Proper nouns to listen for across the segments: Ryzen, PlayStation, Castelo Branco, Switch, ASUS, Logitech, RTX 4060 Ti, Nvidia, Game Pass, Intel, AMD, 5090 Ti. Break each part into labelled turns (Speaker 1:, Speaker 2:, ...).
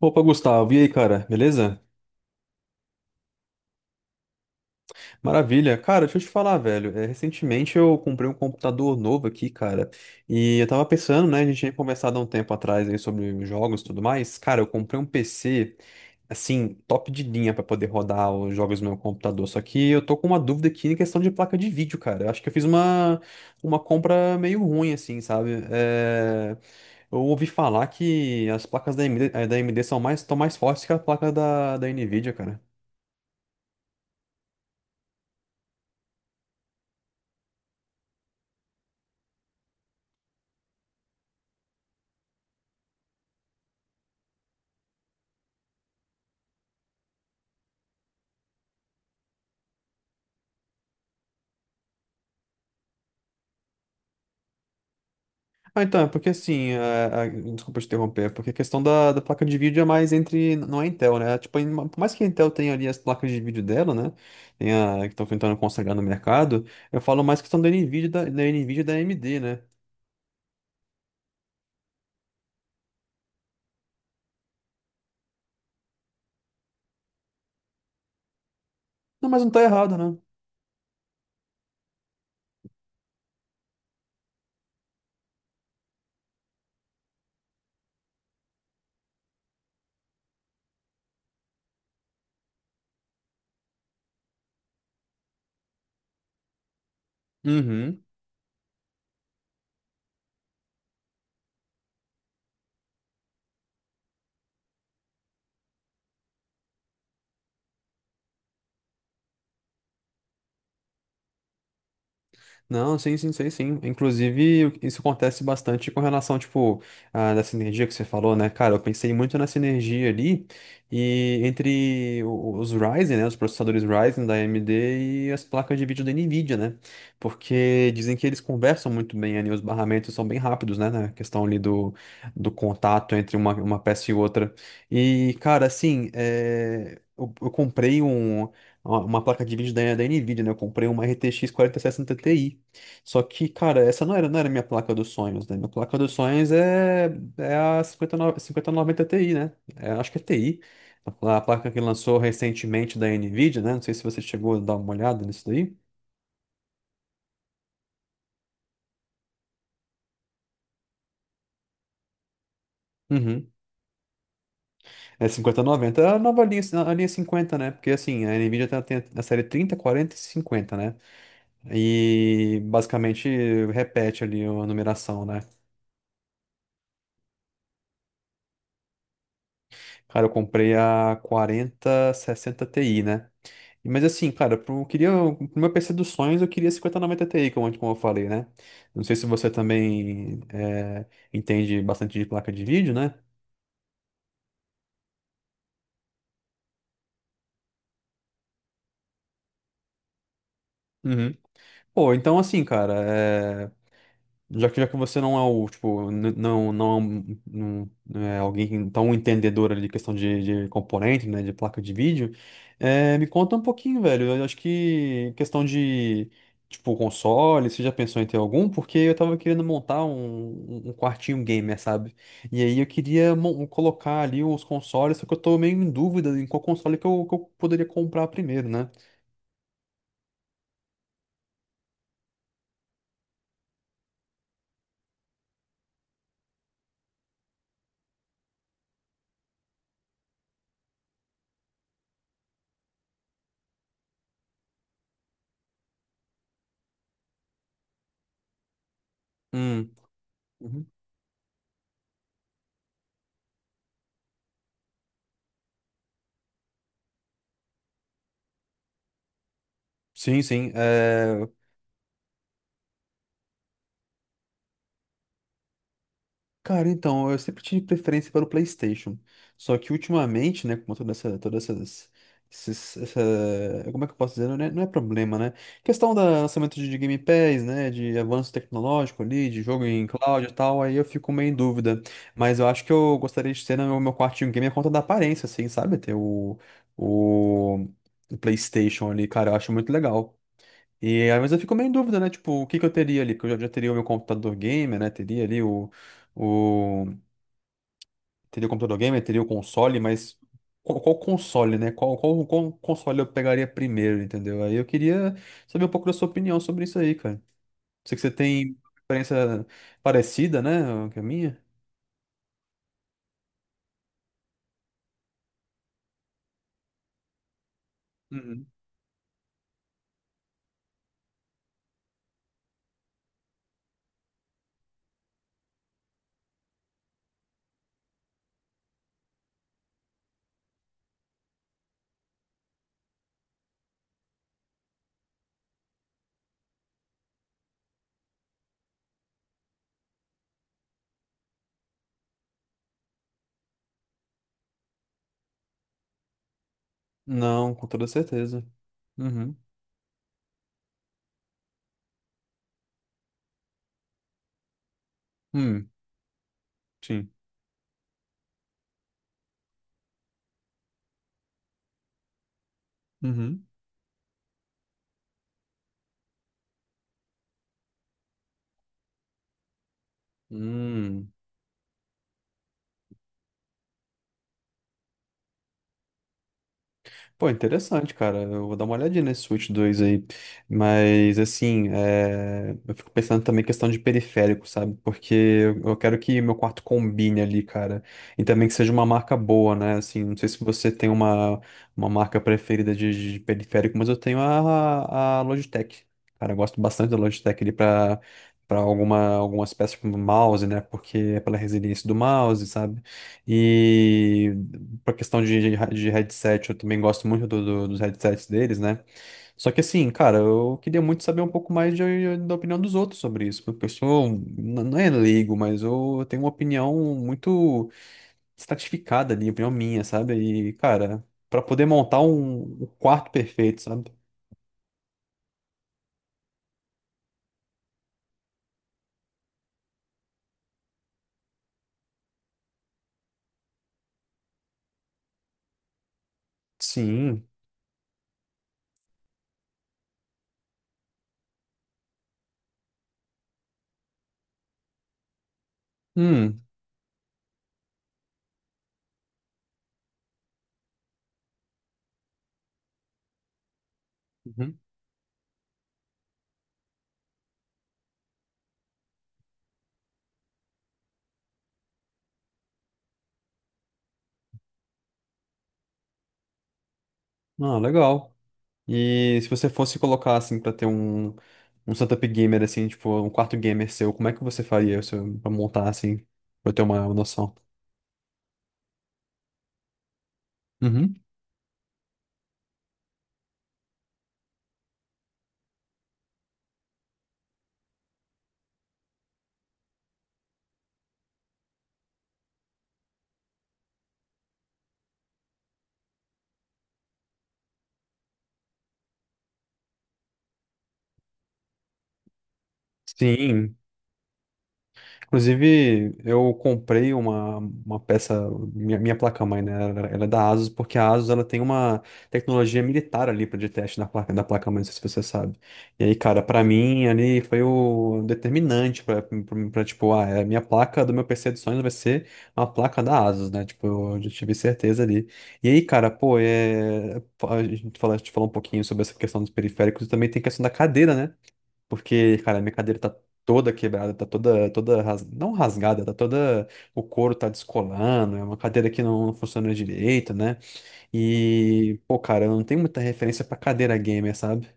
Speaker 1: Opa, Gustavo, e aí, cara, beleza? Maravilha. Cara, deixa eu te falar, velho. Recentemente eu comprei um computador novo aqui, cara. E eu tava pensando, né? A gente tinha conversado há um tempo atrás aí sobre jogos e tudo mais. Cara, eu comprei um PC, assim, top de linha pra poder rodar os jogos no meu computador. Só que eu tô com uma dúvida aqui em questão de placa de vídeo, cara. Eu acho que eu fiz uma compra meio ruim, assim, sabe? Eu ouvi falar que as placas da AMD estão mais fortes que a placa da Nvidia, cara. Ah, então, é porque assim, desculpa te interromper, é porque a questão da placa de vídeo é mais entre, não é Intel, né? Tipo, por mais que a Intel tenha ali as placas de vídeo dela, né? Tem a, que estão tentando consagrar no mercado, eu falo mais questão da NVIDIA, e da NVIDIA e da AMD, né? Não, mas não tá errado, né? Uhum. Não, sim, sim, sei sim. Inclusive, isso acontece bastante com relação, tipo, a, da sinergia que você falou, né? Cara, eu pensei muito na sinergia ali e entre os Ryzen, né? Os processadores Ryzen da AMD e as placas de vídeo da Nvidia, né? Porque dizem que eles conversam muito bem ali, os barramentos são bem rápidos, né? Na questão ali do contato entre uma peça e outra. E, cara, assim, eu comprei uma placa de vídeo da Nvidia, né? Eu comprei uma RTX 4060 Ti. Só que, cara, essa não era minha placa dos sonhos, né? Minha placa dos sonhos é a 59 5090 Ti, né? É, acho que é Ti. A placa que lançou recentemente da Nvidia, né? Não sei se você chegou a dar uma olhada nisso daí. Uhum. É 5090, é a nova linha, a linha 50, né? Porque assim, a Nvidia tem a série 30, 40 e 50, né? E basicamente repete ali a numeração, né? Cara, eu comprei a 4060 Ti, né? Mas assim, cara, eu queria, pro meu PC dos sonhos, eu queria 5090 Ti, como eu falei, né? Não sei se você também entende bastante de placa de vídeo, né? Uhum. Pô, então assim, cara, Já que você não é o, tipo, não, não é alguém tão entendedor ali de questão de componente, né, de placa de vídeo, me conta um pouquinho, velho. Eu acho que questão de, tipo, console, você já pensou em ter algum? Porque eu tava querendo montar um quartinho gamer, sabe? E aí eu queria colocar ali os consoles, só que eu tô meio em dúvida em qual console que eu poderia comprar primeiro, né? Hum. Uhum. Sim, sim. Cara, então, eu sempre tive preferência para o PlayStation. Só que ultimamente, né, com toda essa, todas essas, esses- essa, como é que eu posso dizer? Não é problema, né? Questão do lançamento de Game Pass, né, de avanço tecnológico ali, de jogo em cloud e tal, aí eu fico meio em dúvida. Mas eu acho que eu gostaria de ter no meu quartinho game a conta da aparência, assim, sabe? Ter o, o PlayStation ali, cara, eu acho muito legal. E às vezes eu fico meio em dúvida, né? Tipo, o que que eu teria ali? Que eu já teria o meu computador gamer, né? Teria ali o, o... Teria o computador gamer, teria o console, mas qual console, né? Qual console eu pegaria primeiro, entendeu? Aí eu queria saber um pouco da sua opinião sobre isso aí, cara. Sei que você tem experiência parecida, né? Que a minha. Uhum. Não, com toda certeza. Uhum. Hum, sim. Uhum. Hum. Pô, interessante, cara. Eu vou dar uma olhadinha nesse Switch 2 aí. Mas, assim, é, eu fico pensando também em questão de periférico, sabe? Porque eu quero que meu quarto combine ali, cara. E também que seja uma marca boa, né? Assim, não sei se você tem uma marca preferida de periférico, mas eu tenho a Logitech. Cara, eu gosto bastante da Logitech ali pra algumas peças como mouse, né? Porque é pela resiliência do mouse, sabe? E. Pra questão de headset, eu também gosto muito dos headsets deles, né? Só que assim, cara, eu queria muito saber um pouco mais de- da opinião dos outros sobre isso, porque eu sou, não é leigo, mas eu tenho uma opinião muito estratificada ali, opinião minha, sabe? E, cara, pra poder montar um quarto perfeito, sabe? Sim. Hum. Uhum. Ah, legal. E se você fosse colocar, assim, pra ter um setup gamer, assim, tipo, um quarto gamer seu, como é que você faria seu, pra montar, assim, pra eu ter uma noção? Uhum. Sim, inclusive, eu comprei uma peça, minha placa-mãe, né? Ela é da ASUS, porque a ASUS ela tem uma tecnologia militar ali pra de teste na placa, da placa-mãe, não sei se você sabe. E aí, cara, pra mim ali foi o determinante pra, tipo, ah, é a minha placa do meu PC de sonhos vai ser uma placa da ASUS, né? Tipo, eu já tive certeza ali. E aí, cara, pô, é, a gente falou um pouquinho sobre essa questão dos periféricos e também tem a questão da cadeira, né? Porque, cara, minha cadeira tá toda quebrada, tá toda, não rasgada, tá toda, o couro tá descolando, é uma cadeira que não funciona direito, né? E, pô, cara, eu não tenho muita referência pra cadeira gamer, sabe?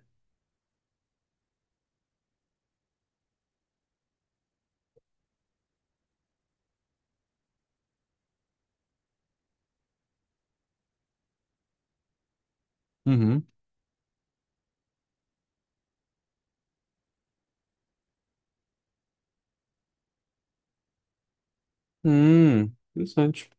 Speaker 1: Uhum. Interessante.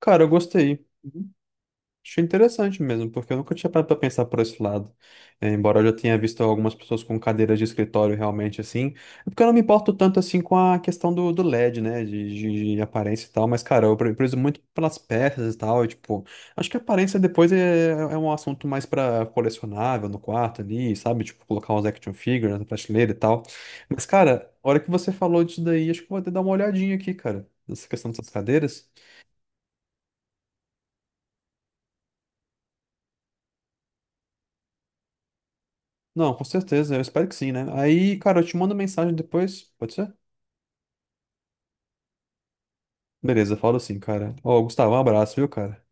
Speaker 1: Cara, eu gostei. Achei interessante mesmo, porque eu nunca tinha parado pra pensar por esse lado. É, embora eu já tenha visto algumas pessoas com cadeiras de escritório realmente assim. É porque eu não me importo tanto assim com a questão do, do LED, né? De aparência e tal. Mas, cara, eu prezo muito pelas peças e tal. E, tipo, acho que a aparência depois é, é um assunto mais pra colecionável no quarto ali, sabe? Tipo, colocar uns action figures na prateleira e tal. Mas, cara, a hora que você falou disso daí, acho que eu vou até dar uma olhadinha aqui, cara, nessa questão dessas cadeiras. Não, com certeza, eu espero que sim, né? Aí, cara, eu te mando mensagem depois, pode ser? Beleza, falo assim, cara. Ó, Gustavo, um abraço, viu, cara?